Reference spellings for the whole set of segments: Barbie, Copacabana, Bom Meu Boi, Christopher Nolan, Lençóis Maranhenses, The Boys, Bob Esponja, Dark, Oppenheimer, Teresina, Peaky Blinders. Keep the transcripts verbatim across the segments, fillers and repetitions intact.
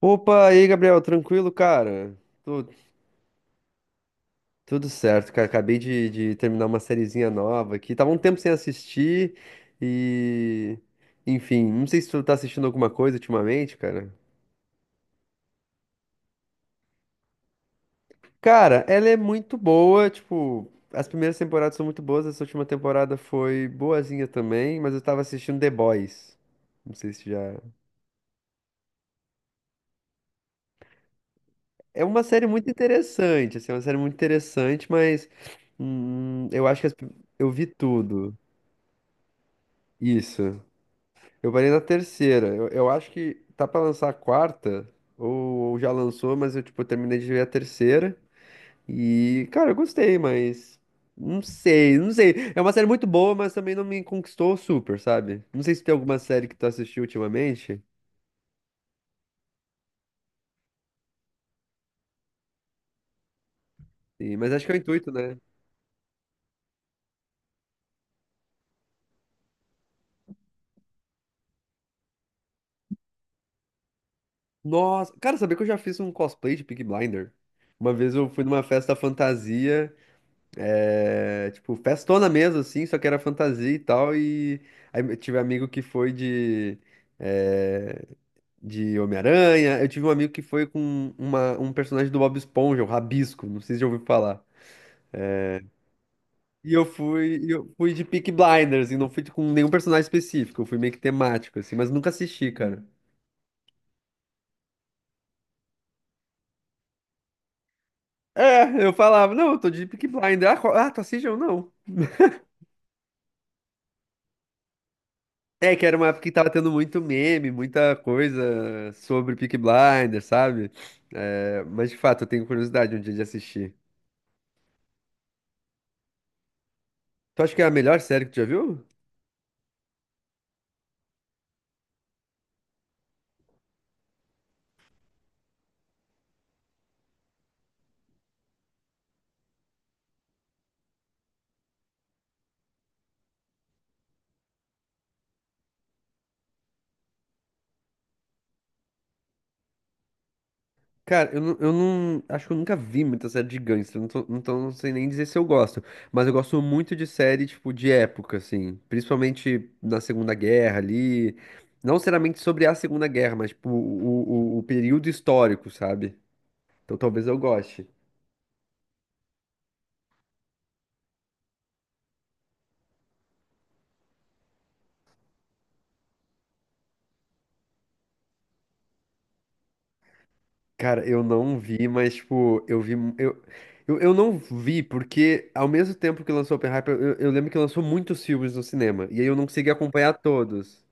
Opa, e aí, Gabriel, tranquilo, cara? Tu- Tudo certo, cara. Acabei de, de terminar uma sériezinha nova aqui. Tava um tempo sem assistir e. Enfim, não sei se tu tá assistindo alguma coisa ultimamente, cara. Cara, ela é muito boa, tipo. As primeiras temporadas são muito boas, essa última temporada foi boazinha também, mas eu tava assistindo The Boys. Não sei se já. É uma série muito interessante, assim, é uma série muito interessante, mas. hum, eu acho que as prim- eu vi tudo. Isso. Eu parei na terceira. Eu, eu acho que tá pra lançar a quarta, ou, ou já lançou, mas eu, tipo, terminei de ver a terceira. E, cara, eu gostei, mas. Não sei, não sei. É uma série muito boa, mas também não me conquistou super, sabe? Não sei se tem alguma série que tu assistiu ultimamente, e- mas acho que é o intuito, né? Nossa, cara, sabia que eu já fiz um cosplay de Peaky Blinder? Uma vez eu fui numa festa fantasia. É, tipo, festona mesmo, assim, só que era fantasia e tal. E aí eu tive amigo que foi de, é, de Homem-Aranha. Eu tive um amigo que foi com uma, um personagem do Bob Esponja, o Rabisco, não sei se já ouviu falar. E eu fui, e eu fui de Peaky Blinders, e não fui com nenhum personagem específico, eu fui meio que temático, assim, mas nunca assisti, cara. É, eu falava, não, eu tô de Peaky Blinders. Ah, qual- ah, tu assiste ou não? É, que era uma época que tava tendo muito meme, muita coisa sobre Peaky Blinders, sabe? É, mas de fato, eu tenho curiosidade um dia de assistir. Tu acha que é a melhor série que tu já viu? Cara, eu não, eu não- acho que eu nunca vi muita série de gangster, não tô- então não sei nem dizer se eu gosto. Mas eu gosto muito de série, tipo, de época, assim. Principalmente na Segunda Guerra ali. Não necessariamente sobre a Segunda Guerra, mas, tipo, o, o o período histórico, sabe? Então talvez eu goste. Cara, eu não vi, mas, tipo, eu vi. Eu, eu, eu não vi, porque ao mesmo tempo que lançou Oppenheimer, eu, eu lembro que lançou muitos filmes no cinema. E aí eu não consegui acompanhar todos.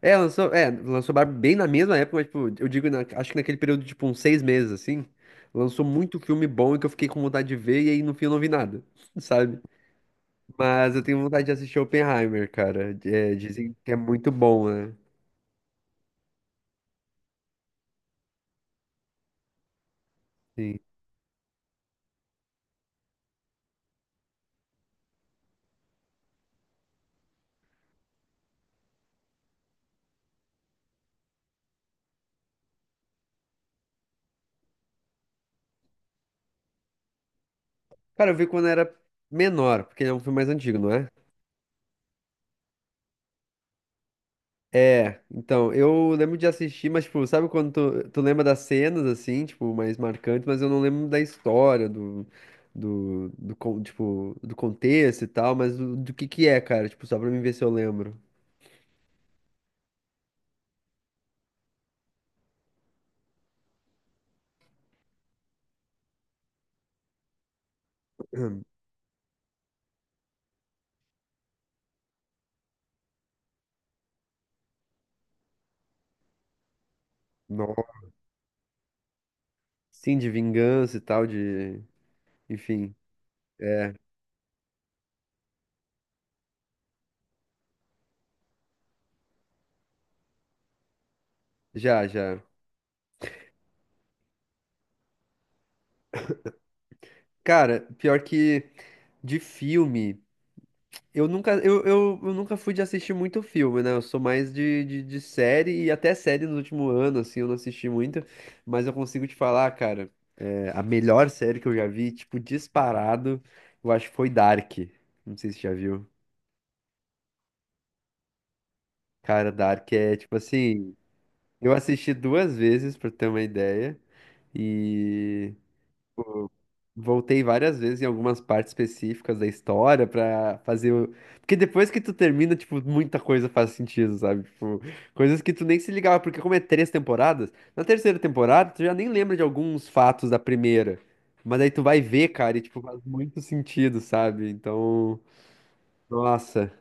É, lançou, é, lançou Barbie bem na mesma época, mas, tipo, eu digo, na- acho que naquele período, de, tipo, uns seis meses, assim. Lançou muito filme bom e que eu fiquei com vontade de ver, e aí no fim eu não vi nada, sabe? Mas eu tenho vontade de assistir Oppenheimer, cara. É, dizem que é muito bom, né? Sim. Cara, eu vi quando era menor, porque ele é um filme mais antigo, não é? É, então, eu lembro de assistir, mas, tipo, sabe quando tu, tu lembra das cenas, assim, tipo, mais marcantes, mas eu não lembro da história, do, do, do, con- tipo, do contexto e tal, mas do, do que que é, cara, tipo, só pra mim ver se eu lembro. Nossa, sim, de vingança e tal, de, enfim, é, já, já. Cara, pior que de filme. Eu nunca, eu, eu, eu nunca fui de assistir muito filme, né? Eu sou mais de, de, de série e até série no último ano, assim, eu não assisti muito, mas eu consigo te falar, cara, é, a melhor série que eu já vi, tipo, disparado, eu acho que foi Dark. Não sei se você já viu. Cara, Dark é tipo assim, eu assisti duas vezes, pra ter uma ideia, e voltei várias vezes em algumas partes específicas da história pra fazer o... Porque depois que tu termina, tipo, muita coisa faz sentido, sabe? Tipo, coisas que tu nem se ligava, porque como é três temporadas, na terceira temporada tu já nem lembra de alguns fatos da primeira. Mas aí tu vai ver, cara, e tipo, faz muito sentido, sabe? Então, nossa.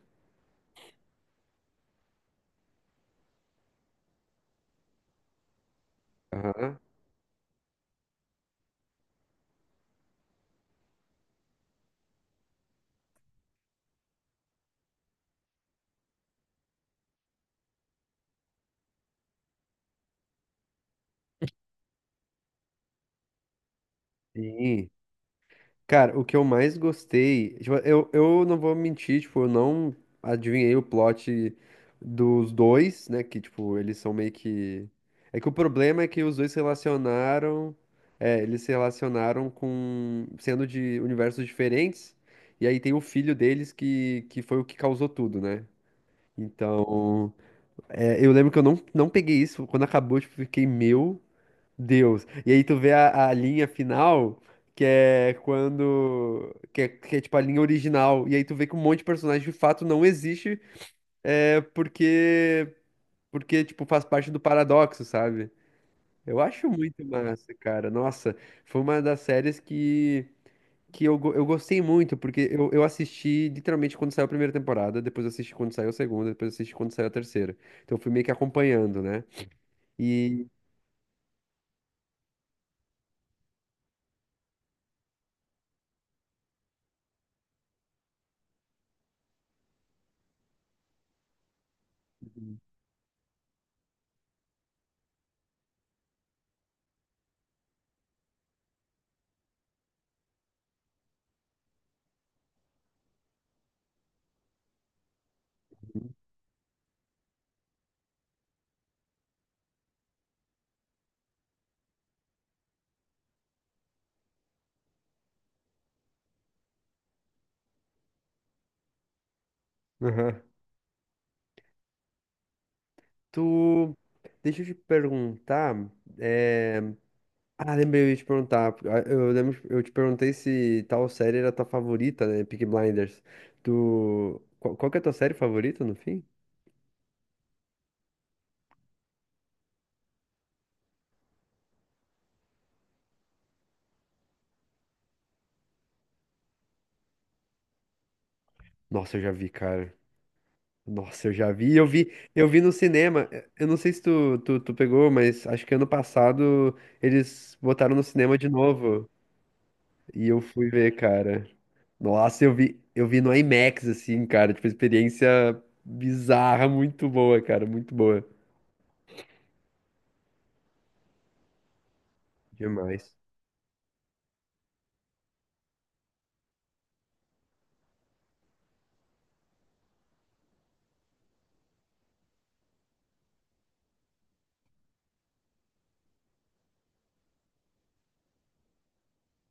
Aham. Sim. Cara, o que eu mais gostei, tipo, eu, eu não vou mentir, tipo, eu não adivinhei o plot dos dois, né? Que, tipo, eles são meio que. É que o problema é que os dois se relacionaram. É, eles se relacionaram com, sendo de universos diferentes. E aí tem o filho deles que, que foi o que causou tudo, né? Então, é, eu lembro que eu não, não peguei isso. Quando acabou, tipo, fiquei meu. Deus. E aí tu vê a, a linha final, que é quando. Que é, que é tipo a linha original. E aí tu vê que um monte de personagem de fato não existe, é, porque. Porque, tipo, faz parte do paradoxo, sabe? Eu acho muito massa, cara. Nossa, foi uma das séries que. Que eu, go- eu gostei muito, porque eu, eu assisti literalmente quando saiu a primeira temporada, depois eu assisti quando saiu a segunda, depois eu assisti quando saiu a terceira. Então eu fui meio que acompanhando, né? E, aham. Tu. Deixa eu te perguntar. É... Ah, lembrei, eu ia te perguntar, ah, eu lembro, eu te perguntei se tal série era tua favorita, né? Peaky Blinders. Tu. Qual, qual que é a tua série favorita no fim? Nossa, eu já vi, cara. Nossa, eu já vi. Eu vi, eu vi no cinema. eh, Eu não sei se tu, tu, tu pegou, mas acho que ano passado eles botaram no cinema de novo. E eu fui ver, cara. Nossa, eu vi, eu vi no IMAX, assim, cara. Tipo, experiência bizarra, muito boa, cara. Muito boa. Demais.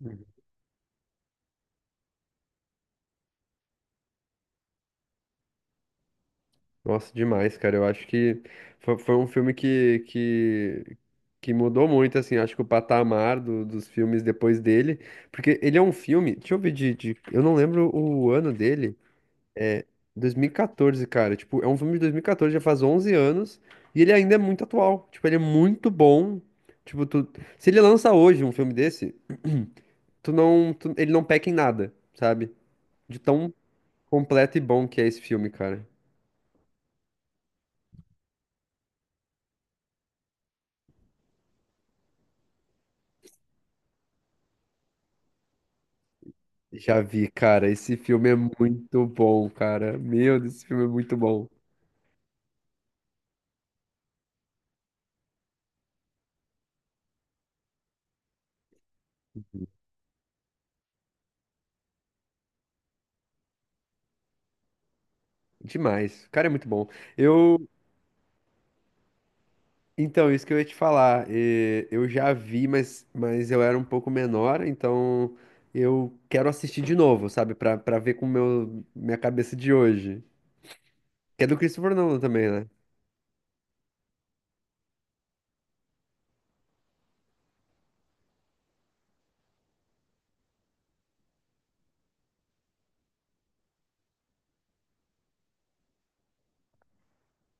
Uhum. Nossa, demais, cara. Eu acho que foi, foi um filme que, que, que mudou muito, assim. Acho que o patamar do- dos filmes depois dele. Porque ele é um filme. Deixa eu ver de. de- eu não lembro o ano dele. É, dois mil e quatorze, cara. Tipo, é um filme de dois mil e quatorze, já faz onze anos. E ele ainda é muito atual. Tipo, ele é muito bom. Tipo, tu... se ele lança hoje um filme desse, tu não, tu- ele não peca em nada, sabe? De tão completo e bom que é esse filme, cara. Já vi, cara. Esse filme é muito bom, cara. Meu Deus, esse filme é muito bom. Demais. Cara, é muito bom. Eu então, isso que eu ia te falar, eh, eu já vi, mas, mas eu era um pouco menor, então eu quero assistir de novo, sabe? Pra, pra ver com meu, minha cabeça de hoje. Que é do Christopher Nolan também, né?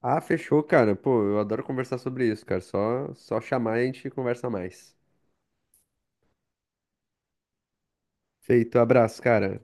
Ah, fechou, cara. Pô, eu adoro conversar sobre isso, cara. Só, só chamar e a gente conversa mais. Feito, abraço, cara.